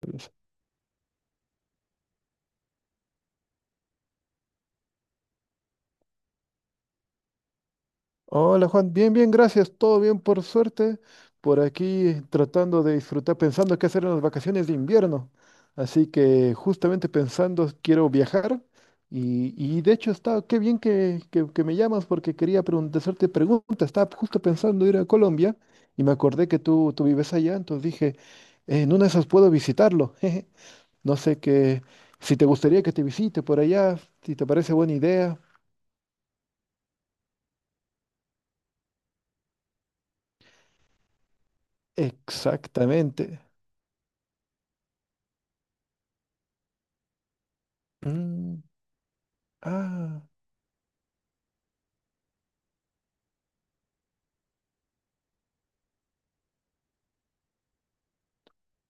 Pues, hola Juan, bien, bien, gracias, todo bien por suerte, por aquí tratando de disfrutar, pensando qué hacer en las vacaciones de invierno. Así que justamente pensando, quiero viajar y de hecho está, qué bien que, que me llamas porque hacerte preguntas, estaba justo pensando ir a Colombia y me acordé que tú vives allá, entonces dije, en una de esas puedo visitarlo. No sé qué, si te gustaría que te visite por allá, si te parece buena idea. Exactamente. Mm. Ah,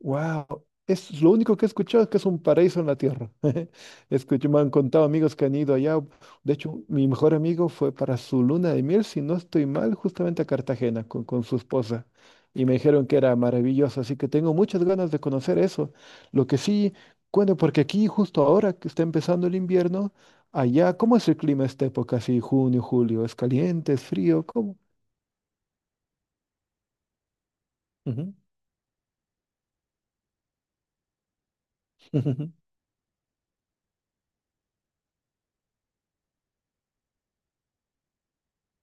wow. Es lo único que he escuchado es que es un paraíso en la tierra. Escucho, me han contado amigos que han ido allá. De hecho, mi mejor amigo fue para su luna de miel, si no estoy mal, justamente a Cartagena con su esposa. Y me dijeron que era maravilloso, así que tengo muchas ganas de conocer eso. Lo que sí, cuento, porque aquí justo ahora que está empezando el invierno, allá, ¿cómo es el clima esta época? Así, junio, julio, ¿es caliente, es frío? ¿Cómo? Ujú.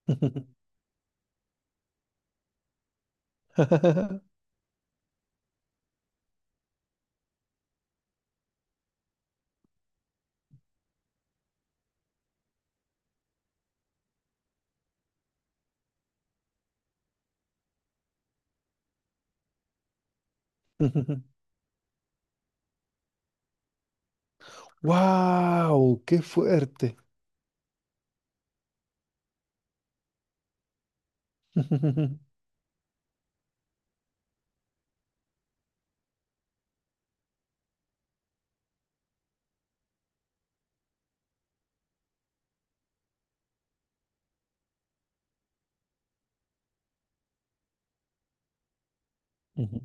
¡Wow! ¡Qué fuerte! Ujú.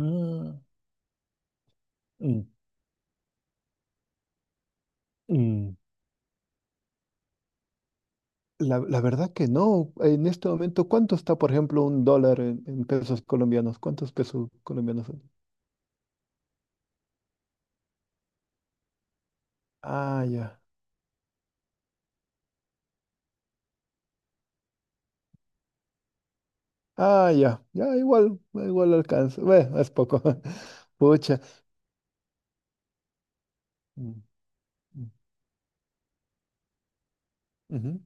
Ah, mm, mm. La verdad que no. En este momento, ¿cuánto está, por ejemplo, un dólar en pesos colombianos? ¿Cuántos pesos colombianos son? Ah, ya. Ah, ya. Ya, igual, igual alcanza. Bueno, es poco. Pucha. Mm, mm, ujú.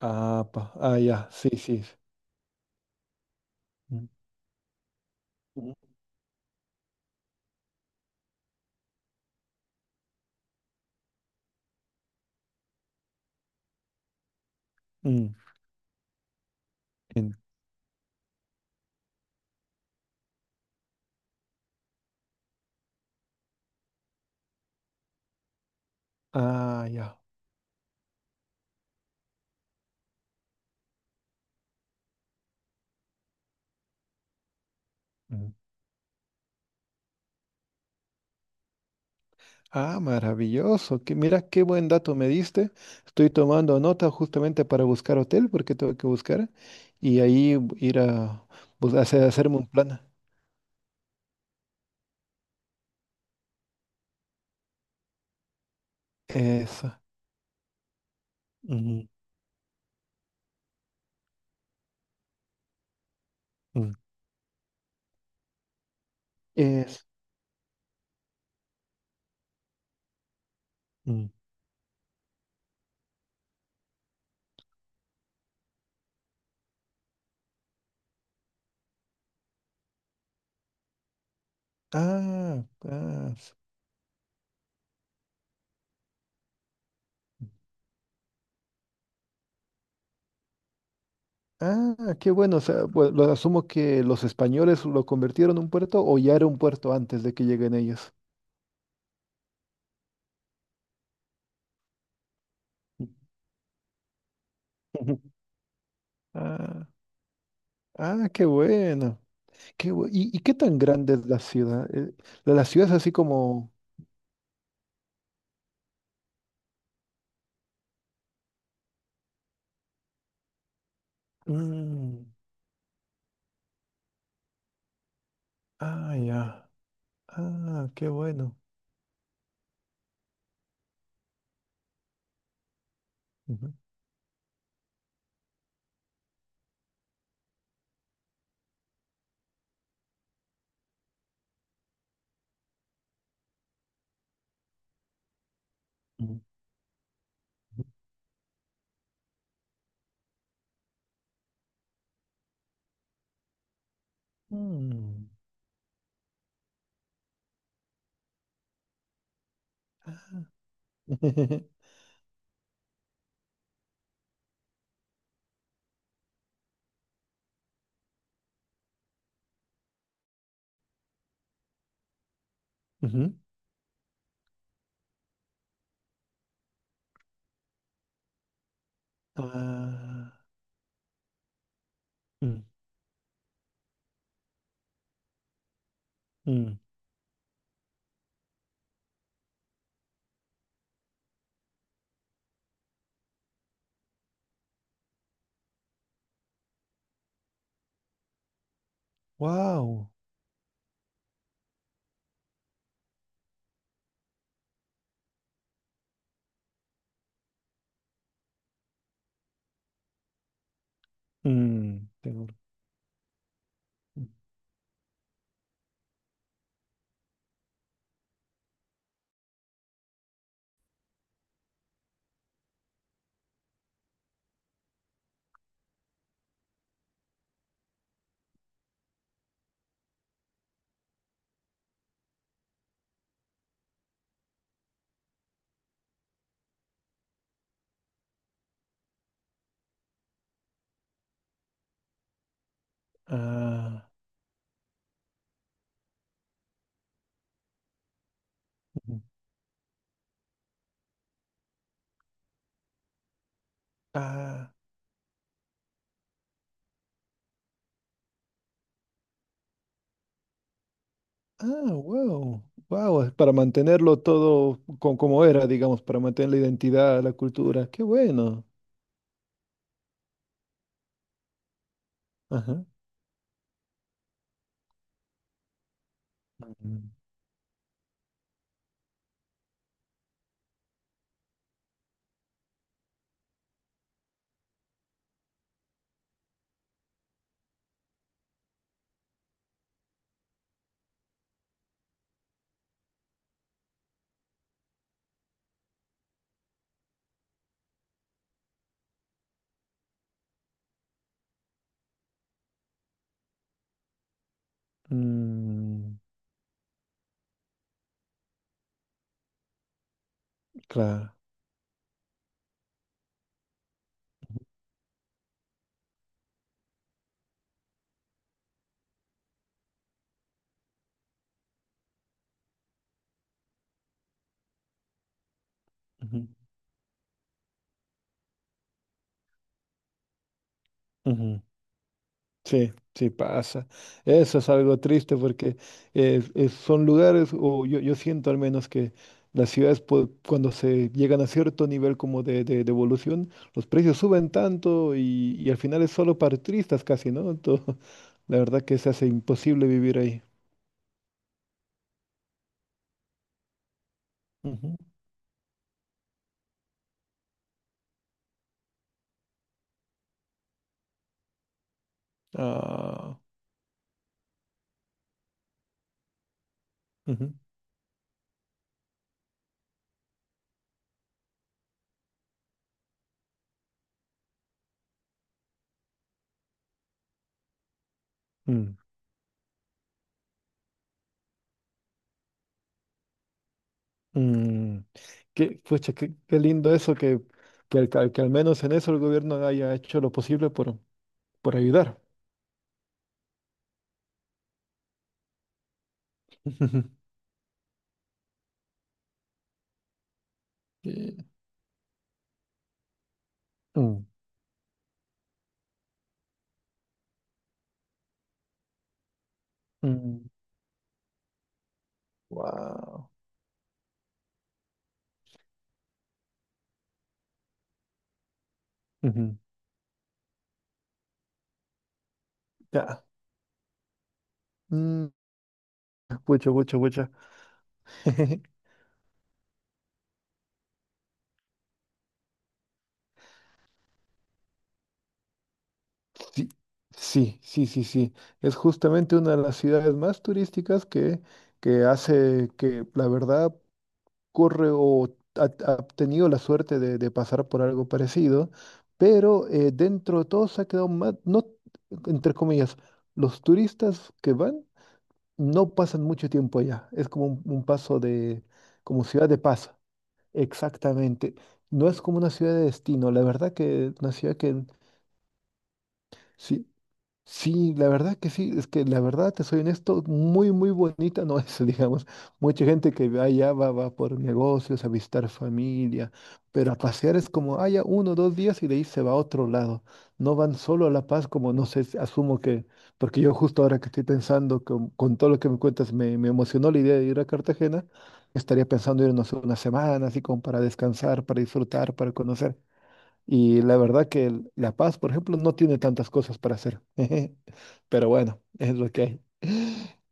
Ah, pa. Ah, ya. Sí, sí. Mm, ujú. Mm, en- Ah, ya. Ah, maravilloso. Que, mira qué buen dato me diste. Estoy tomando nota justamente para buscar hotel, porque tengo que buscar. Y ahí ir a hacer, hacerme un plan. Eso. Ujú, ujú. Es. Ujú. Ah, ah, s- ah, qué bueno. O sea, lo asumo que los españoles lo convirtieron en un puerto o ya era un puerto antes de que lleguen ellos. Ah, ah, qué bueno. Y qué tan grande es la ciudad? La ciudad es así como. Mm, ah, ya. Ah, qué bueno. Ujú, ujú, ujú. Mm. Ujú. Ah, mm, mm. Wow. Mm, tengo, mm. Ah, ujú. Ah, ah, wow. Wow, es para mantenerlo todo como era, digamos, para mantener la identidad, la cultura. Qué bueno. Ajá. Mm, mm, claro. Ujú, ujú. Sí, sí pasa. Eso es algo triste porque son lugares, o yo siento al menos que las ciudades cuando se llegan a cierto nivel como de evolución, los precios suben tanto y al final es solo para turistas casi, ¿no? Entonces, la verdad que se hace imposible vivir ahí. Ujú. Ah, ujú. Mm, mm. Qué, pucha, qué, qué lindo eso que al menos en eso el gobierno haya hecho lo posible por ayudar. Ujú. Mm, mm. Wow. Ujú. Ya. Mm, pucha, pucha, pucha. Sí, sí, sí, sí, sí. Es justamente una de las ciudades más turísticas que hace que la verdad corre o ha, ha tenido la suerte de pasar por algo parecido, pero dentro de todo se ha quedado más, no, entre comillas, los turistas que van no pasan mucho tiempo allá. Es como un paso de, como ciudad de paso. Exactamente. No es como una ciudad de destino. La verdad que una ciudad que sí. Sí, la verdad que sí, es que la verdad, te soy honesto, muy, muy bonita no es, digamos. Mucha gente que va allá va, va por negocios, a visitar familia, pero a pasear es como, haya uno o dos días y de ahí se va a otro lado. No van solo a La Paz, como no sé, asumo que, porque yo justo ahora que estoy pensando, con todo lo que me cuentas, me emocionó la idea de ir a Cartagena, estaría pensando irnos una semana, así como para descansar, para disfrutar, para conocer. Y la verdad que La Paz, por ejemplo, no tiene tantas cosas para hacer. Pero bueno, es lo que hay.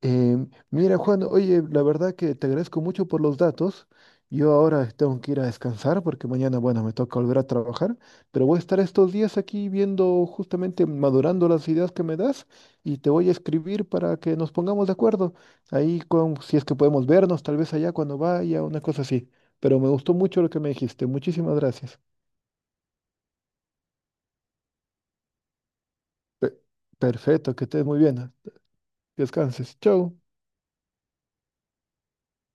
Em, mira, Juan, oye, la verdad que te agradezco mucho por los datos. Yo ahora tengo que ir a descansar porque mañana, bueno, me toca volver a trabajar, pero voy a estar estos días aquí viendo justamente, madurando las ideas que me das y te voy a escribir para que nos pongamos de acuerdo. Ahí con, si es que podemos vernos, tal vez allá cuando vaya, una cosa así. Pero me gustó mucho lo que me dijiste. Muchísimas gracias. Pe- Perfecto, que estés muy bien. ¿No? Descanses. Chau.